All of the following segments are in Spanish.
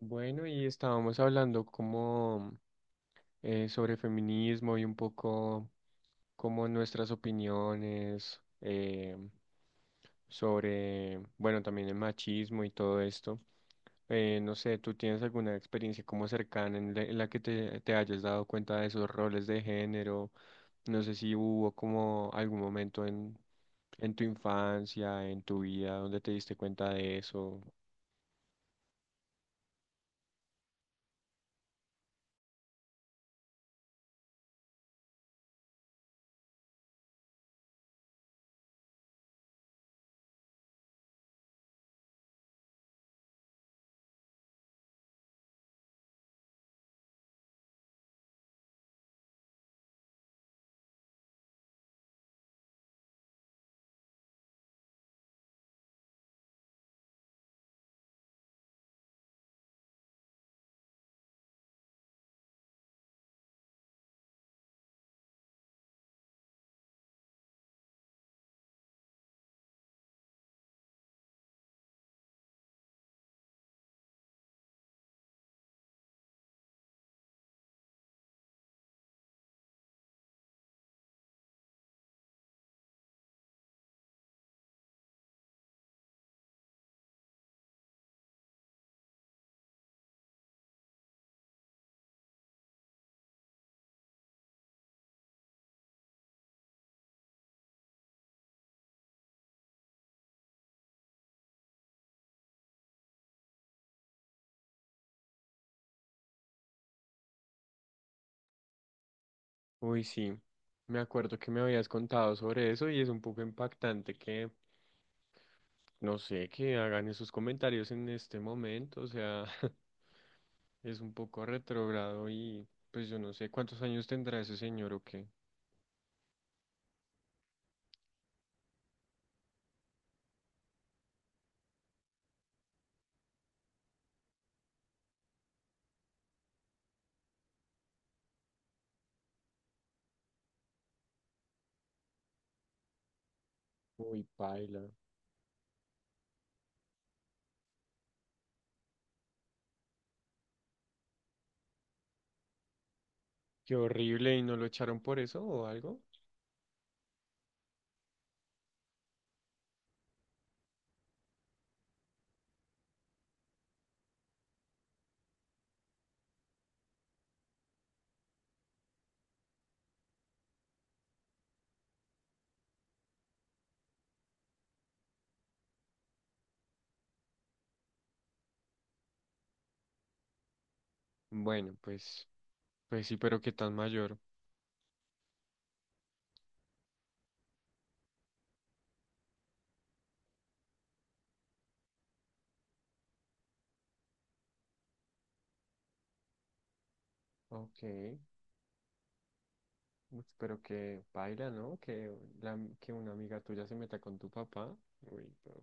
Bueno, y estábamos hablando como sobre feminismo y un poco como nuestras opiniones sobre, bueno, también el machismo y todo esto. No sé, ¿tú tienes alguna experiencia como cercana en la que te hayas dado cuenta de esos roles de género? No sé si hubo como algún momento en tu infancia, en tu vida, donde te diste cuenta de eso. Uy, sí, me acuerdo que me habías contado sobre eso y es un poco impactante que, no sé, que hagan esos comentarios en este momento, o sea, es un poco retrógrado y pues yo no sé cuántos años tendrá ese señor o qué. Uy, paila, qué horrible y no lo echaron por eso o algo. Bueno, pues, pues sí, pero qué tan mayor. Ok, pues, pero que paila, ¿no? Que, la, que una amiga tuya se meta con tu papá. Uy, pero...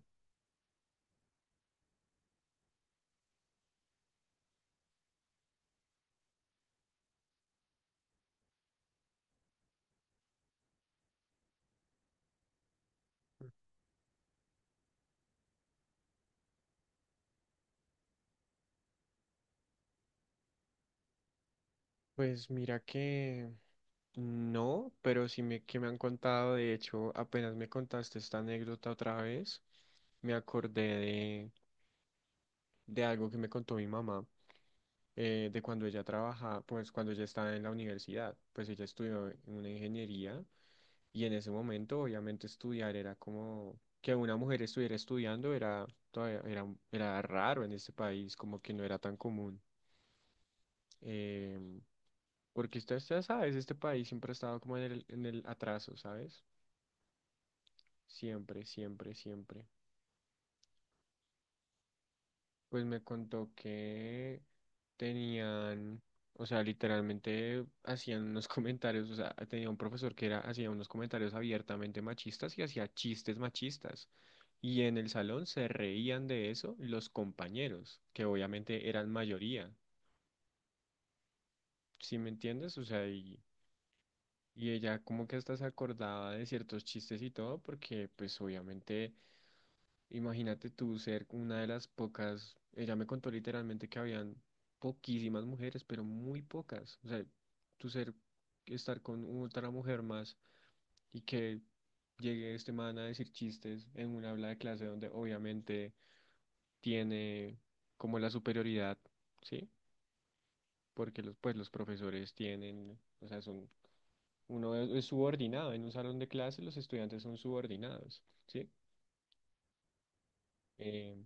Pues mira que... No, pero sí me, que me han contado. De hecho, apenas me contaste esta anécdota otra vez, me acordé de algo que me contó mi mamá, de cuando ella trabaja, pues cuando ella estaba en la universidad. Pues ella estudió en una ingeniería y en ese momento obviamente estudiar era como que una mujer estuviera estudiando era, todavía era, era raro en este país, como que no era tan común. em, Porque usted sabe, este país siempre ha estado como en el atraso, ¿sabes? Siempre, siempre, siempre. Pues me contó que tenían, o sea, literalmente hacían unos comentarios. O sea, tenía un profesor que era, hacía unos comentarios abiertamente machistas y hacía chistes machistas. Y en el salón se reían de eso los compañeros, que obviamente eran mayoría, ¿sí me entiendes? O sea, y ella como que hasta se acordaba de ciertos chistes y todo, porque pues obviamente imagínate tú ser una de las pocas. Ella me contó literalmente que habían poquísimas mujeres, pero muy pocas. O sea, tú ser, estar con otra mujer más y que llegue este man a decir chistes en un habla de clase donde obviamente tiene como la superioridad, ¿sí? Porque los, pues los profesores tienen, o sea, son, uno es subordinado, en un salón de clase los estudiantes son subordinados, ¿sí? Eh,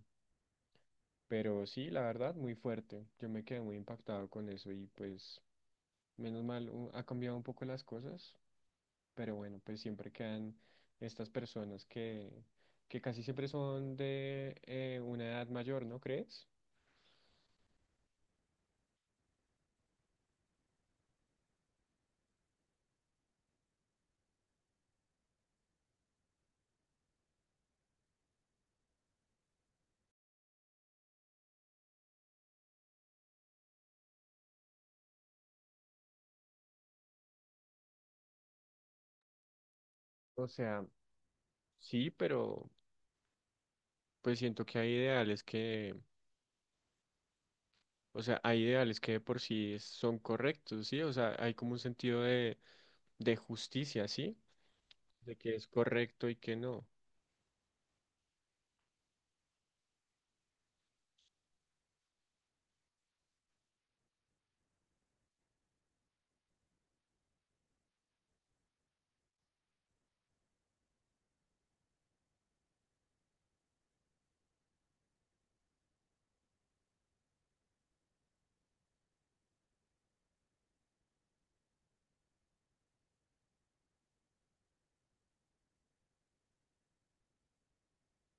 Pero sí, la verdad, muy fuerte. Yo me quedé muy impactado con eso y pues menos mal ha cambiado un poco las cosas, pero bueno, pues siempre quedan estas personas que casi siempre son de una edad mayor, ¿no crees? O sea, sí, pero pues siento que hay ideales que, o sea, hay ideales que de por sí son correctos, ¿sí? O sea, hay como un sentido de justicia, ¿sí? De que es correcto y que no.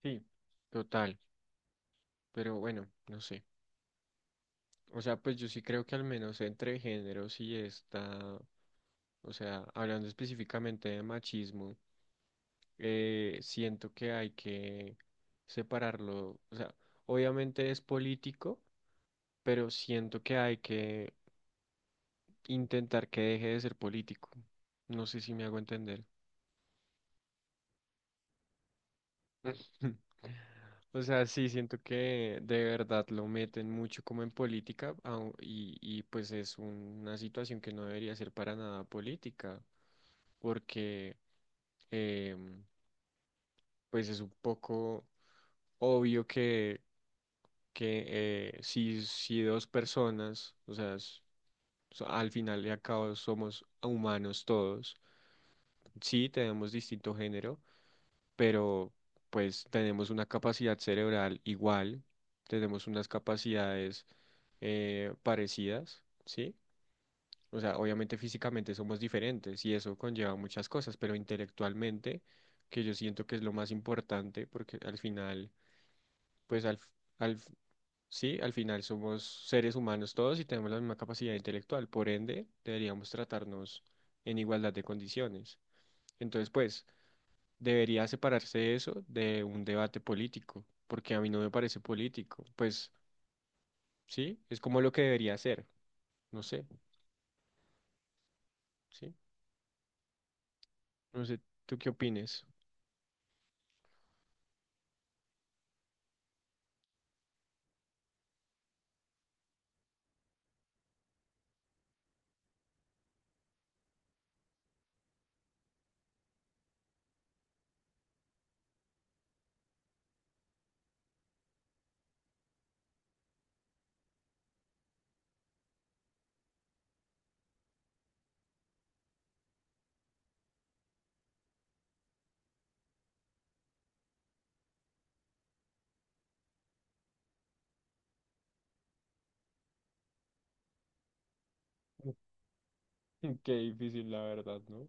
Sí, total, pero bueno, no sé. O sea, pues yo sí creo que al menos entre géneros sí está, o sea, hablando específicamente de machismo, siento que hay que separarlo. O sea, obviamente es político, pero siento que hay que intentar que deje de ser político. No sé si me hago entender. O sea, sí, siento que de verdad lo meten mucho como en política y pues es una situación que no debería ser para nada política. Porque eh, pues es un poco obvio que si, si dos personas, o sea, al final y al cabo somos humanos todos, sí tenemos distinto género, pero pues tenemos una capacidad cerebral igual, tenemos unas capacidades parecidas, ¿sí? O sea, obviamente físicamente somos diferentes y eso conlleva muchas cosas, pero intelectualmente, que yo siento que es lo más importante, porque al final, pues al, f- sí, al final somos seres humanos todos y tenemos la misma capacidad intelectual, por ende, deberíamos tratarnos en igualdad de condiciones. Entonces, pues, debería separarse eso de un debate político, porque a mí no me parece político. Pues, sí, es como lo que debería ser, no sé, sí, no sé, ¿tú qué opines? Qué difícil, la verdad, ¿no?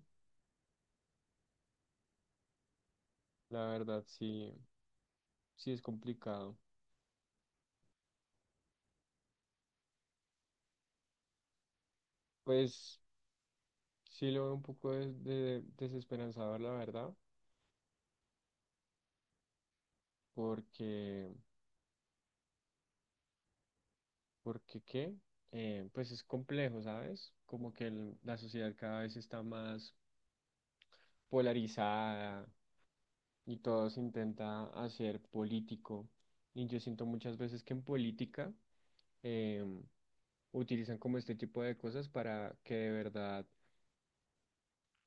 La verdad, sí, sí es complicado. Pues sí lo veo un poco desesperanzador, la verdad, porque, porque qué, pues es complejo, ¿sabes? Como que la sociedad cada vez está más polarizada y todo se intenta hacer político. Y yo siento muchas veces que en política em, utilizan como este tipo de cosas para que de verdad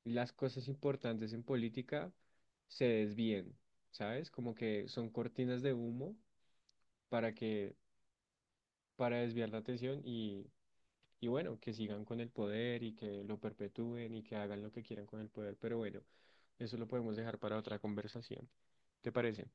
las cosas importantes en política se desvíen, ¿sabes? Como que son cortinas de humo para que, para desviar la atención y bueno, que sigan con el poder y que lo perpetúen y que hagan lo que quieran con el poder. Pero bueno, eso lo podemos dejar para otra conversación. ¿Te parece?